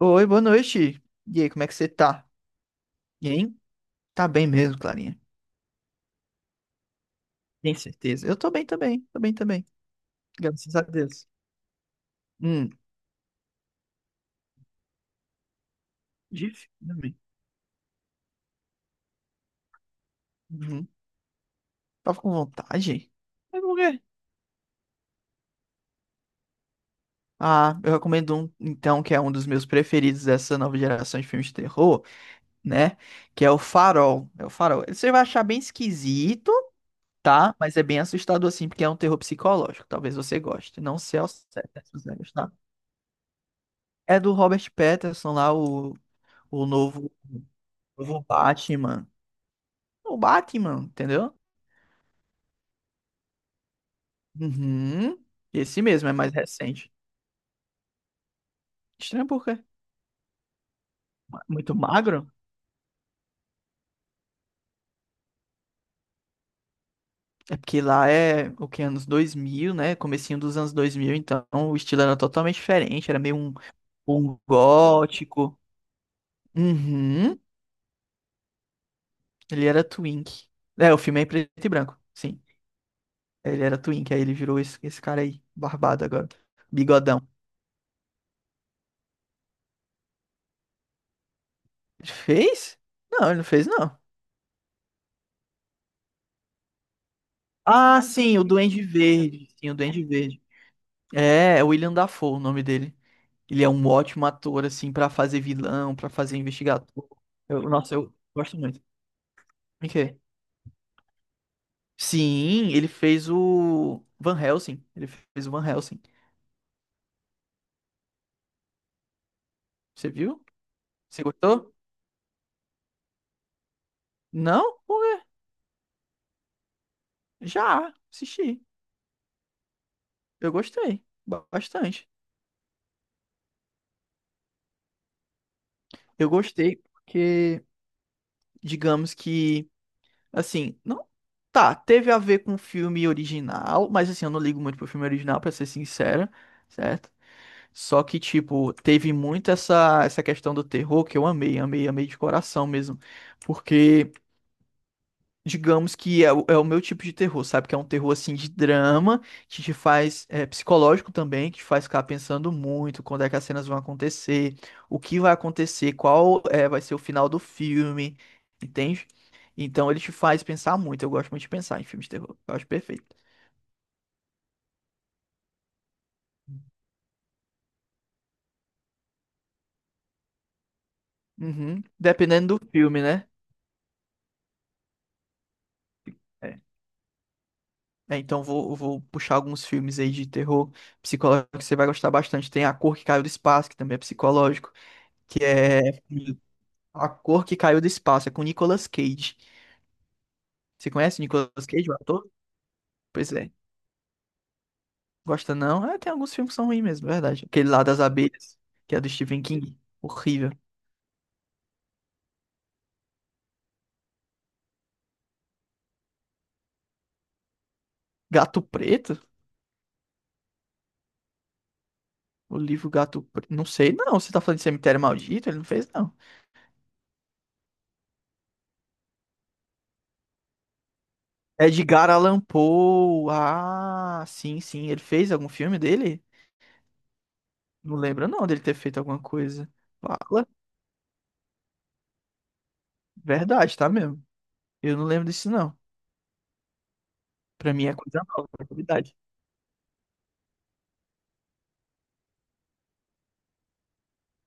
Oi, boa noite. E aí, como é que você tá? E aí? Tá bem mesmo, Clarinha? Tem certeza? Eu tô bem também, tô bem também. Graças a Deus. Hum, difícil também. Uhum. Tava com vontade? Mas por quê? Ah, eu recomendo um, então, que é um dos meus preferidos dessa nova geração de filmes de terror, né? Que é o Farol. É o Farol. Você vai achar bem esquisito, tá? Mas é bem assustador assim, porque é um terror psicológico. Talvez você goste. Não sei ao certo se você vai gostar. É do Robert Pattinson lá, o Novo Batman. O Batman, entendeu? Uhum. Esse mesmo, é mais recente. Estranho por quê? Muito magro? É porque lá é o que, anos 2000, né? Comecinho dos anos 2000, então o estilo era totalmente diferente. Era meio um, um gótico. Uhum. Ele era twink. É, o filme é em preto e branco, sim. Ele era twink, aí ele virou esse cara aí, barbado agora. Bigodão. Ele fez? Não, ele não fez, não. Ah, sim, o Duende Verde. Sim, o Duende Verde. É, é o William Dafoe o nome dele. Ele é um ótimo ator, assim, pra fazer vilão, pra fazer investigador. Nossa, eu gosto muito. O quê? Sim, ele fez o Van Helsing. Ele fez o Van Helsing. Você viu? Você gostou? Não? Por quê? Já assisti. Eu gostei. Bastante. Eu gostei porque, digamos que, assim, não. Tá, teve a ver com o filme original, mas assim, eu não ligo muito pro filme original, pra ser sincero, certo? Só que, tipo, teve muito essa questão do terror que eu amei, amei, amei de coração mesmo. Porque, digamos que é, é o meu tipo de terror, sabe? Que é um terror, assim, de drama, que te faz, é, psicológico também, que te faz ficar pensando muito quando é que as cenas vão acontecer, o que vai acontecer, qual é, vai ser o final do filme, entende? Então, ele te faz pensar muito. Eu gosto muito de pensar em filmes de terror. Eu acho perfeito. Uhum. Dependendo do filme, né? É, então vou puxar alguns filmes aí de terror psicológico que você vai gostar bastante. Tem A Cor que Caiu do Espaço, que também é psicológico, que é A Cor que Caiu do Espaço, é com Nicolas Cage. Você conhece o Nicolas Cage, o ator? Pois é. Gosta não? É, tem alguns filmes que são ruins mesmo, é verdade. Aquele lá das abelhas, que é do Stephen King. Horrível. Gato Preto? O livro Gato Preto. Não sei, não. Você tá falando de Cemitério Maldito? Ele não fez, não. Edgar Allan Poe. Ah, sim, sim. Ele fez algum filme dele? Não lembro não dele ter feito alguma coisa. Fala. Verdade, tá mesmo. Eu não lembro disso não. Pra mim é coisa nova, é novidade.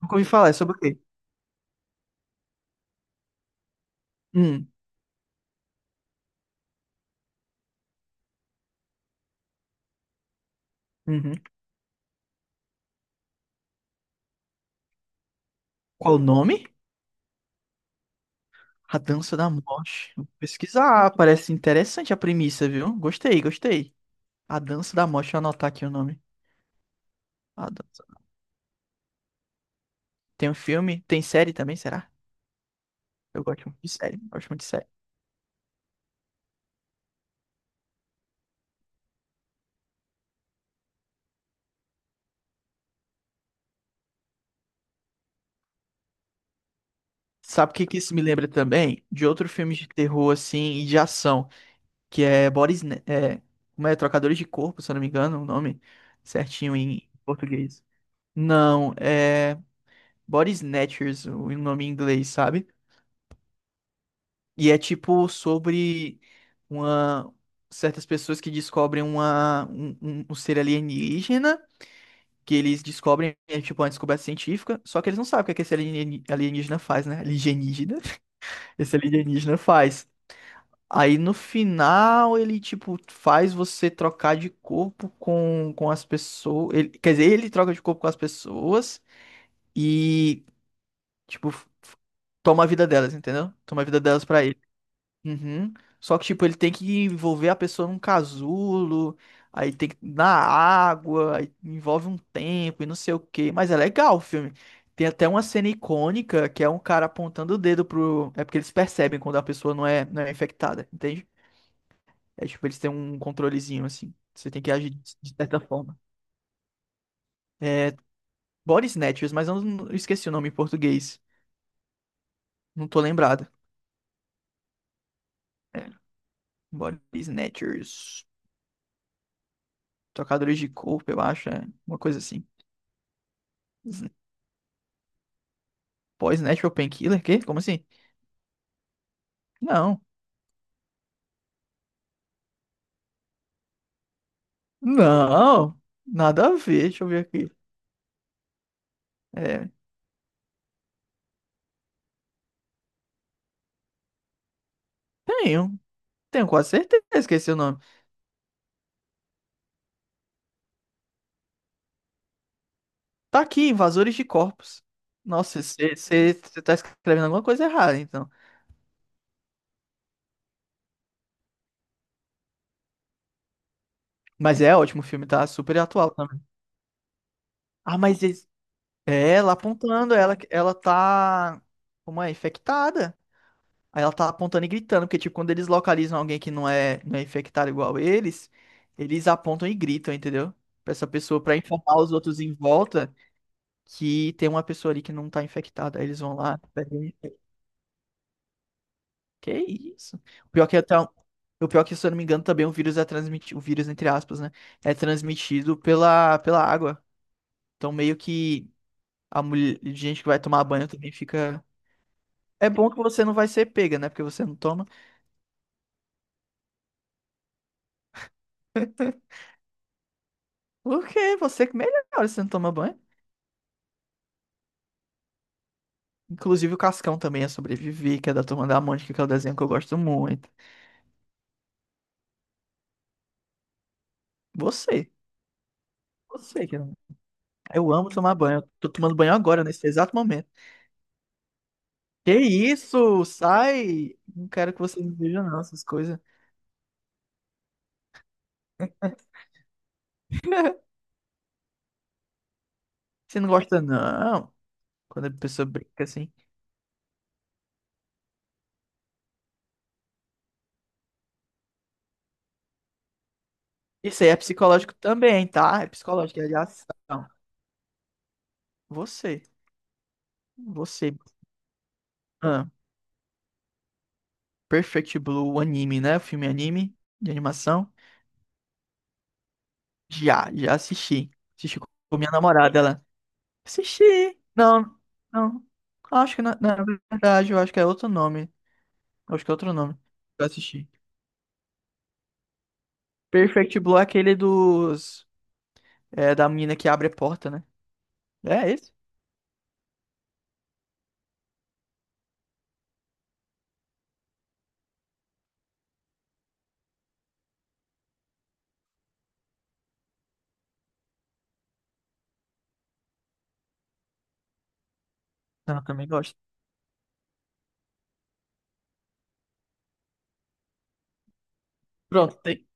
Nunca ouvi falar, é sobre o quê? Hum, uhum. Qual o nome? A Dança da Morte. Vou pesquisar, parece interessante a premissa, viu? Gostei, gostei. A Dança da Morte, deixa eu anotar aqui o nome. A Dança. Tem um filme, tem série também, será? Eu gosto muito de série, gosto muito de série. Sabe o que que isso me lembra também? De outro filme de terror, assim, e de ação. Que é Boris, como é, Trocadores de Corpo, se eu não me engano, o nome certinho em português. Não, é Body Snatchers, o nome em inglês, sabe? E é tipo sobre uma certas pessoas que descobrem uma, um ser alienígena, que eles descobrem, é tipo uma descoberta científica, só que eles não sabem o que é que esse alienígena faz, né? Alienígena. Esse alienígena faz. Aí no final ele tipo faz você trocar de corpo com as pessoas. Ele, quer dizer, ele troca de corpo com as pessoas e tipo toma a vida delas, entendeu? Toma a vida delas pra ele. Uhum. Só que tipo ele tem que envolver a pessoa num casulo, aí tem que na água, aí envolve um tempo e não sei o quê. Mas é legal o filme. Tem até uma cena icônica que é um cara apontando o dedo pro. É porque eles percebem quando a pessoa não é infectada, entende? É tipo, eles têm um controlezinho assim. Você tem que agir de certa forma. É Body Snatchers, mas eu não eu esqueci o nome em português. Não tô lembrado. É, Body Snatchers. Trocadores de corpo, eu acho. É uma coisa assim. Sn- Boy Snatcher ou Painkiller? Quê? Como assim? Não. Não. Nada a ver. Deixa eu ver aqui. É, tenho. Tenho quase certeza que esqueci o nome. Tá aqui, Invasores de Corpos. Nossa, você tá escrevendo alguma coisa errada, então. Mas é ótimo o filme, tá super atual também. Ah, mas esse- É, ela apontando, ela tá, como é, infectada. Aí ela tá apontando e gritando, porque, tipo, quando eles localizam alguém que não é infectado igual eles, eles apontam e gritam, entendeu? Pra essa pessoa, pra informar os outros em volta que tem uma pessoa ali que não tá infectada. Aí eles vão lá. Pegam. Que isso? O pior que é até, o pior que, se eu não me engano, também o vírus é transmitido, o vírus, entre aspas, né? É transmitido pela água. Então, meio que a mulher, gente que vai tomar banho também fica. É bom que você não vai ser pega, né? Porque você não toma. Porque você que melhora se você não toma banho. Inclusive o Cascão também é sobreviver, que é da Turma da Mônica, que é o desenho que eu gosto muito. Você. Você que não. Eu amo tomar banho. Eu tô tomando banho agora, nesse exato momento. Que isso? Sai! Não quero que você me veja, não, essas coisas. Você não gosta, não. Quando a pessoa brinca assim. Isso aí é psicológico também, tá? É psicológico, é de ação. Você. Você. Perfect Blue, o anime, né? O filme anime de animação. Já, já assisti. Assisti com minha namorada, ela. Assisti. Não, não. Acho que na verdade, eu acho que é outro nome. Acho que é outro nome. Eu assisti. Perfect Blue é aquele dos. É, da menina que abre a porta, né? É esse? Não, eu também gosto. Pronto, tem.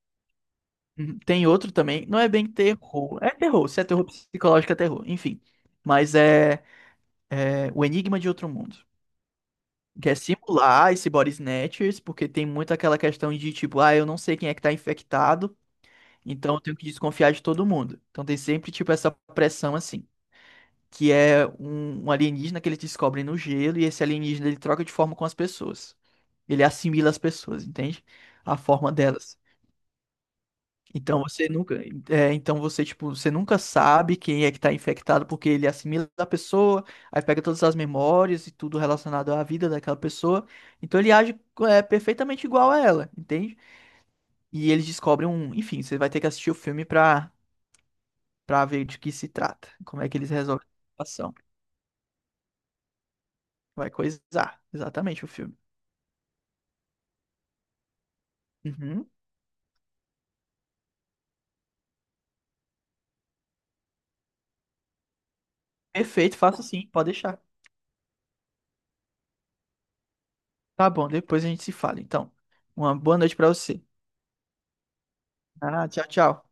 Uhum, tem outro também. Não é bem terror. É terror. Se é terror psicológico, é terror. Enfim. Mas é, é O Enigma de Outro Mundo. Quer simular esse body snatchers, porque tem muito aquela questão de tipo, ah, eu não sei quem é que tá infectado, então eu tenho que desconfiar de todo mundo. Então tem sempre tipo essa pressão assim, que é um alienígena que eles descobrem no gelo e esse alienígena ele troca de forma com as pessoas. Ele assimila as pessoas, entende? A forma delas. Então você nunca, é, então você tipo, você nunca sabe quem é que tá infectado porque ele assimila a pessoa, aí pega todas as memórias e tudo relacionado à vida daquela pessoa. Então ele age é, perfeitamente igual a ela, entende? E eles descobrem um, enfim, você vai ter que assistir o filme para ver de que se trata, como é que eles resolvem a situação. Vai coisar, exatamente o filme. Uhum. Perfeito, faço sim, pode deixar. Tá bom, depois a gente se fala, então. Uma boa noite pra você. Ah, tchau, tchau.